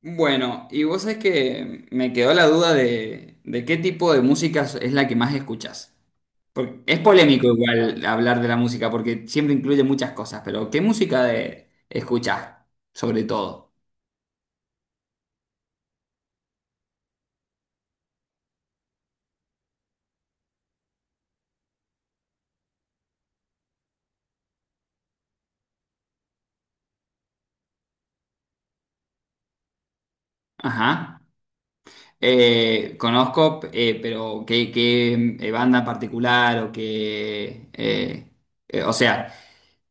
Bueno, y vos sabés que me quedó la duda de qué tipo de música es la que más escuchás. Porque es polémico igual hablar de la música, porque siempre incluye muchas cosas, pero ¿qué música de, escuchás, sobre todo? Ajá. Conozco, pero ¿qué, qué banda en particular o qué... o sea,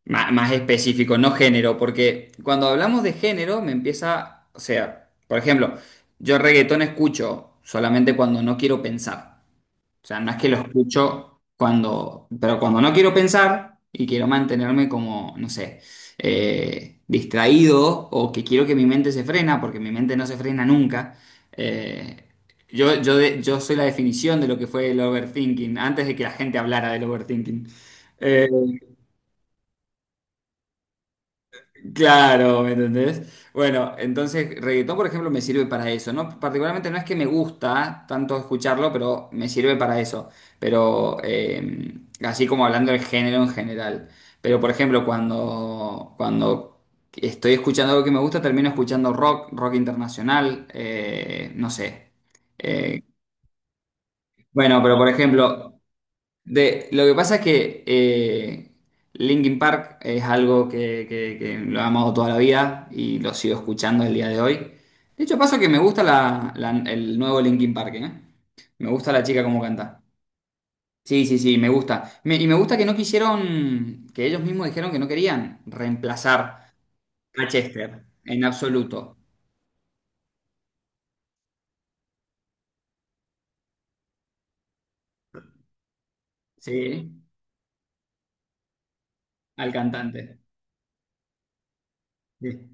Más específico, no género, porque cuando hablamos de género me empieza, o sea, por ejemplo, yo reggaetón escucho solamente cuando no quiero pensar. O sea, no es que lo escucho cuando, pero cuando no quiero pensar y quiero mantenerme como, no sé, distraído o que quiero que mi mente se frena, porque mi mente no se frena nunca. eh, yo soy la definición de lo que fue el overthinking, antes de que la gente hablara del overthinking. Eh, Claro, ¿me entendés? Bueno, entonces reggaetón, por ejemplo, me sirve para eso, ¿no? Particularmente no es que me gusta tanto escucharlo, pero me sirve para eso. Pero así como hablando del género en general. Pero por ejemplo, cuando estoy escuchando algo que me gusta, termino escuchando rock, rock internacional, no sé. Eh, bueno, pero por ejemplo, de, lo que pasa es que Linkin Park es algo que lo he amado toda la vida y lo sigo escuchando el día de hoy. De hecho, pasa que me gusta el nuevo Linkin Park, ¿eh? Me gusta la chica como canta. Sí, sí, sí, me gusta. Y me gusta que no quisieron, que ellos mismos dijeron que no querían reemplazar a Chester en absoluto, ¿sí? Al cantante. Sí.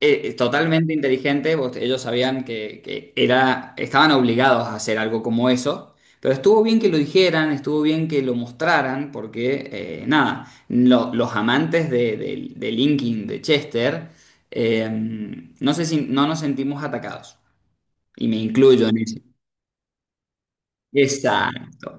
Totalmente inteligente, ellos sabían que era, estaban obligados a hacer algo como eso, pero estuvo bien que lo dijeran, estuvo bien que lo mostraran, porque nada, los amantes de Linkin, de Chester, no sé si no nos sentimos atacados, y me incluyo en eso. Exacto,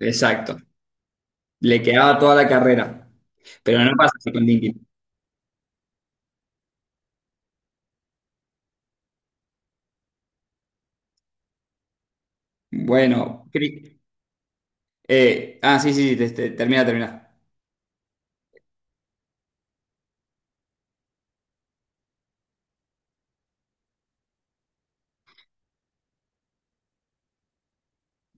exacto, le quedaba toda la carrera, pero no pasa así con Linkin. Bueno, sí, sí, sí, termina, termina.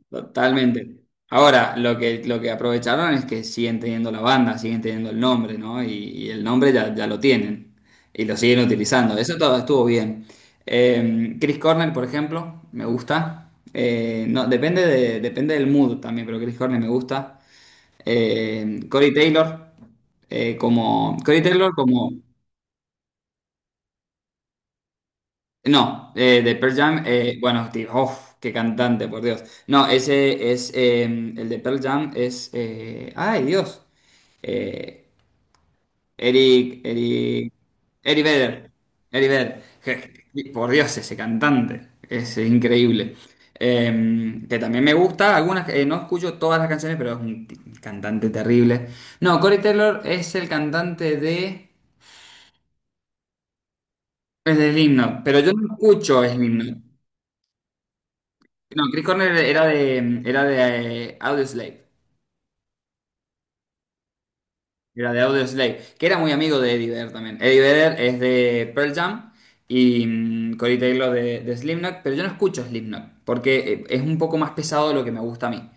Totalmente. Ahora, lo que aprovecharon es que siguen teniendo la banda, siguen teniendo el nombre, ¿no? Y el nombre ya, ya lo tienen y lo siguen utilizando. Eso todo estuvo bien. Chris Cornell, por ejemplo, me gusta. No, depende de, depende del mood también, pero Chris Cornell me gusta. Corey Taylor, como, Corey Taylor como, No, de Pearl Jam, bueno, tío, uf, qué cantante, por Dios. No, ese es, el de Pearl Jam es, ay, Dios, eh, Eric, Eric, Eric Vedder, Eric Vedder, por Dios, ese cantante, es increíble. Que también me gusta, algunas, no escucho todas las canciones, pero es un cantante terrible. No, Corey Taylor es el cantante de, es de Slipknot, pero yo no escucho Slipknot. No, Chris Cornell era de Audioslave. Era de Audioslave, que era muy amigo de Eddie Vedder también. Eddie Vedder es de Pearl Jam y Corey Taylor de Slipknot, pero yo no escucho Slipknot porque es un poco más pesado de lo que me gusta a mí.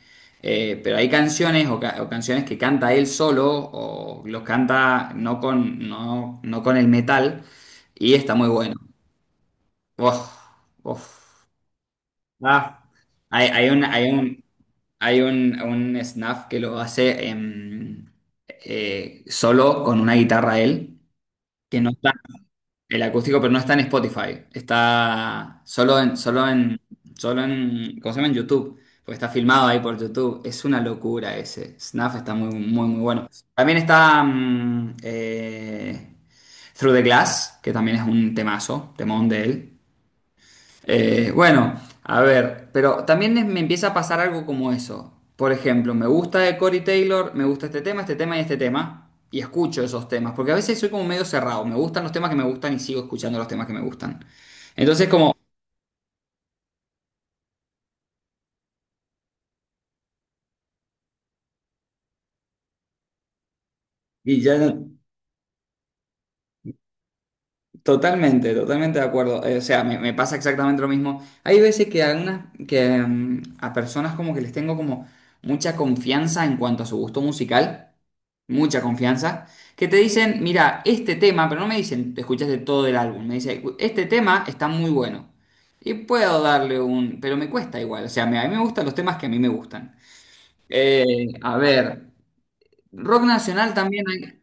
Pero hay canciones o canciones que canta él solo o los canta no con, no, no con el metal y está muy bueno. Uf, uf. Ah, hay, hay un, hay un, un snap que lo hace solo con una guitarra él, que no está, el acústico, pero no está en Spotify, está solo en, ¿cómo se llama? En YouTube, porque está filmado ahí por YouTube. Es una locura ese. Snap está muy, muy, muy bueno. También está Through the Glass, que también es un temazo, temón de él. Bueno, a ver, pero también me empieza a pasar algo como eso. Por ejemplo, me gusta de Corey Taylor, me gusta este tema, y escucho esos temas, porque a veces soy como medio cerrado, me gustan los temas que me gustan y sigo escuchando los temas que me gustan. Entonces como, y ya no, totalmente, totalmente de acuerdo. O sea, me pasa exactamente lo mismo. Hay veces que, a, a personas como que les tengo como mucha confianza en cuanto a su gusto musical. Mucha confianza, que te dicen, mira, este tema, pero no me dicen, te escuchaste todo el álbum, me dicen, este tema está muy bueno. Y puedo darle un, pero me cuesta igual, o sea, a mí me gustan los temas que a mí me gustan. A ver, rock nacional también hay,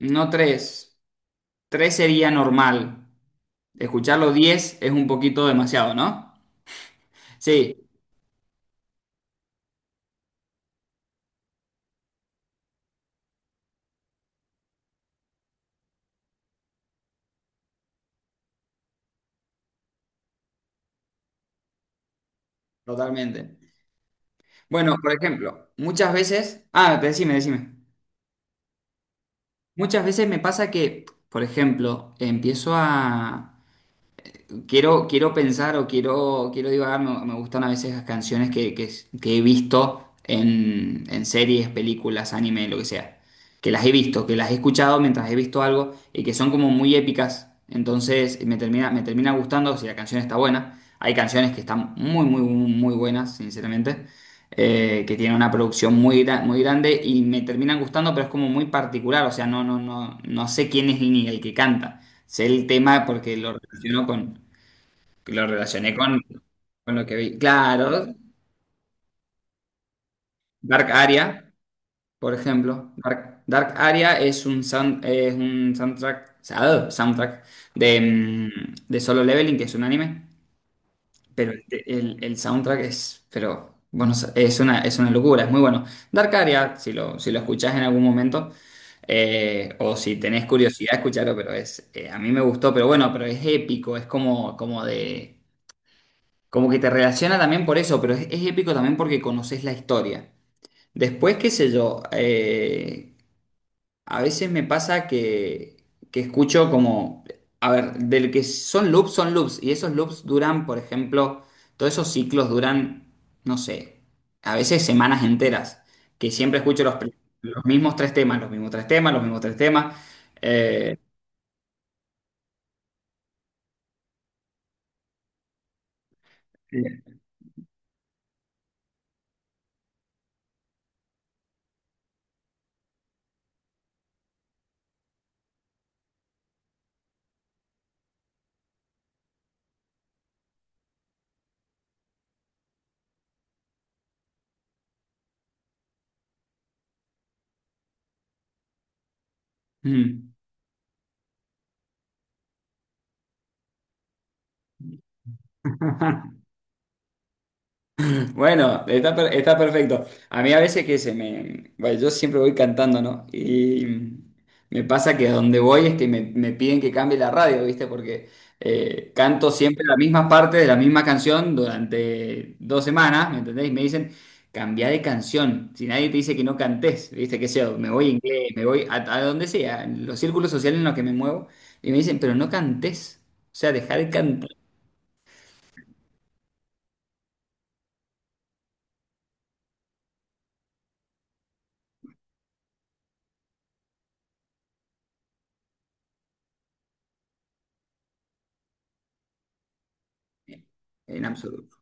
no tres, tres sería normal, escucharlo 10 es un poquito demasiado, ¿no? Sí, totalmente. Bueno, por ejemplo, muchas veces, ah, decime, decime. Muchas veces me pasa que, por ejemplo, quiero, quiero pensar o quiero, quiero divagar, me gustan a veces las canciones que he visto en series, películas, anime, lo que sea. Que las he visto, que las he escuchado mientras he visto algo y que son como muy épicas. Entonces me termina gustando si la canción está buena. Hay canciones que están muy, muy, muy, muy buenas, sinceramente. Que tienen una producción muy, muy grande y me terminan gustando, pero es como muy particular. O sea, no sé quién es ni el que canta, sé el tema porque lo relaciono con, lo relacioné con lo que vi. Claro, Dark Aria, por ejemplo. Dark Aria es un, es un soundtrack, ah, soundtrack de, de Solo Leveling, que es un anime. Pero el soundtrack es, pero, bueno, es una locura, es muy bueno. Dark Aria, si lo, si lo escuchás en algún momento, o si tenés curiosidad, escucharlo, pero es, a mí me gustó, pero bueno, pero es épico, es como, como de... Como que te relaciona también por eso, pero es épico también porque conoces la historia. Después, qué sé yo, a veces me pasa que escucho como, a ver, del que son loops, y esos loops duran, por ejemplo, todos esos ciclos duran, no sé, a veces semanas enteras, que siempre escucho los mismos 3 temas, los mismos tres temas, los mismos tres temas. eh, Mm. Bueno, está, está perfecto. A mí a veces que se me... Bueno, yo siempre voy cantando, ¿no? Y me pasa que a donde voy es que me piden que cambie la radio, ¿viste? Porque canto siempre la misma parte de la misma canción durante 2 semanas, ¿me entendés? Y me dicen, cambia de canción. Si nadie te dice que no cantes, ¿viste? Que sea, me voy a inglés, me voy a donde sea, en los círculos sociales en los que me muevo. Y me dicen, pero no cantes. O sea, deja de cantar en absoluto.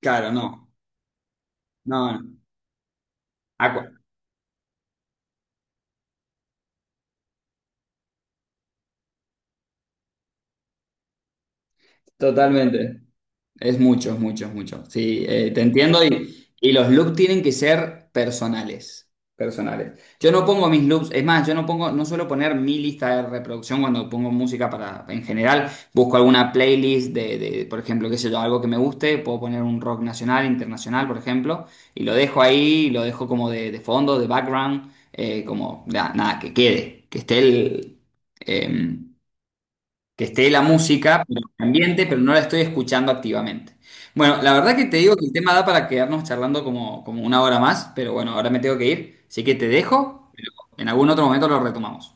Claro, no. No, no. A, cu-, totalmente. Es mucho, es mucho, es mucho. Sí, te entiendo y los loops tienen que ser personales, personales. Yo no pongo mis loops, es más, yo no pongo, no suelo poner mi lista de reproducción cuando pongo música para, en general, busco alguna playlist por ejemplo, qué sé yo, algo que me guste, puedo poner un rock nacional, internacional, por ejemplo, y lo dejo ahí, y lo dejo como de fondo, de background, como, nada, que quede, que esté el, em, que esté la música, pero en el ambiente, pero no la estoy escuchando activamente. Bueno, la verdad que te digo que el tema da para quedarnos charlando como, como 1 hora más, pero bueno, ahora me tengo que ir, así que te dejo, pero en algún otro momento lo retomamos.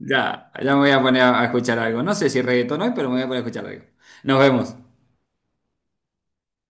Ya, ya me voy a poner a escuchar algo. No sé si reggaetón hoy, pero me voy a poner a escuchar algo. Nos vemos.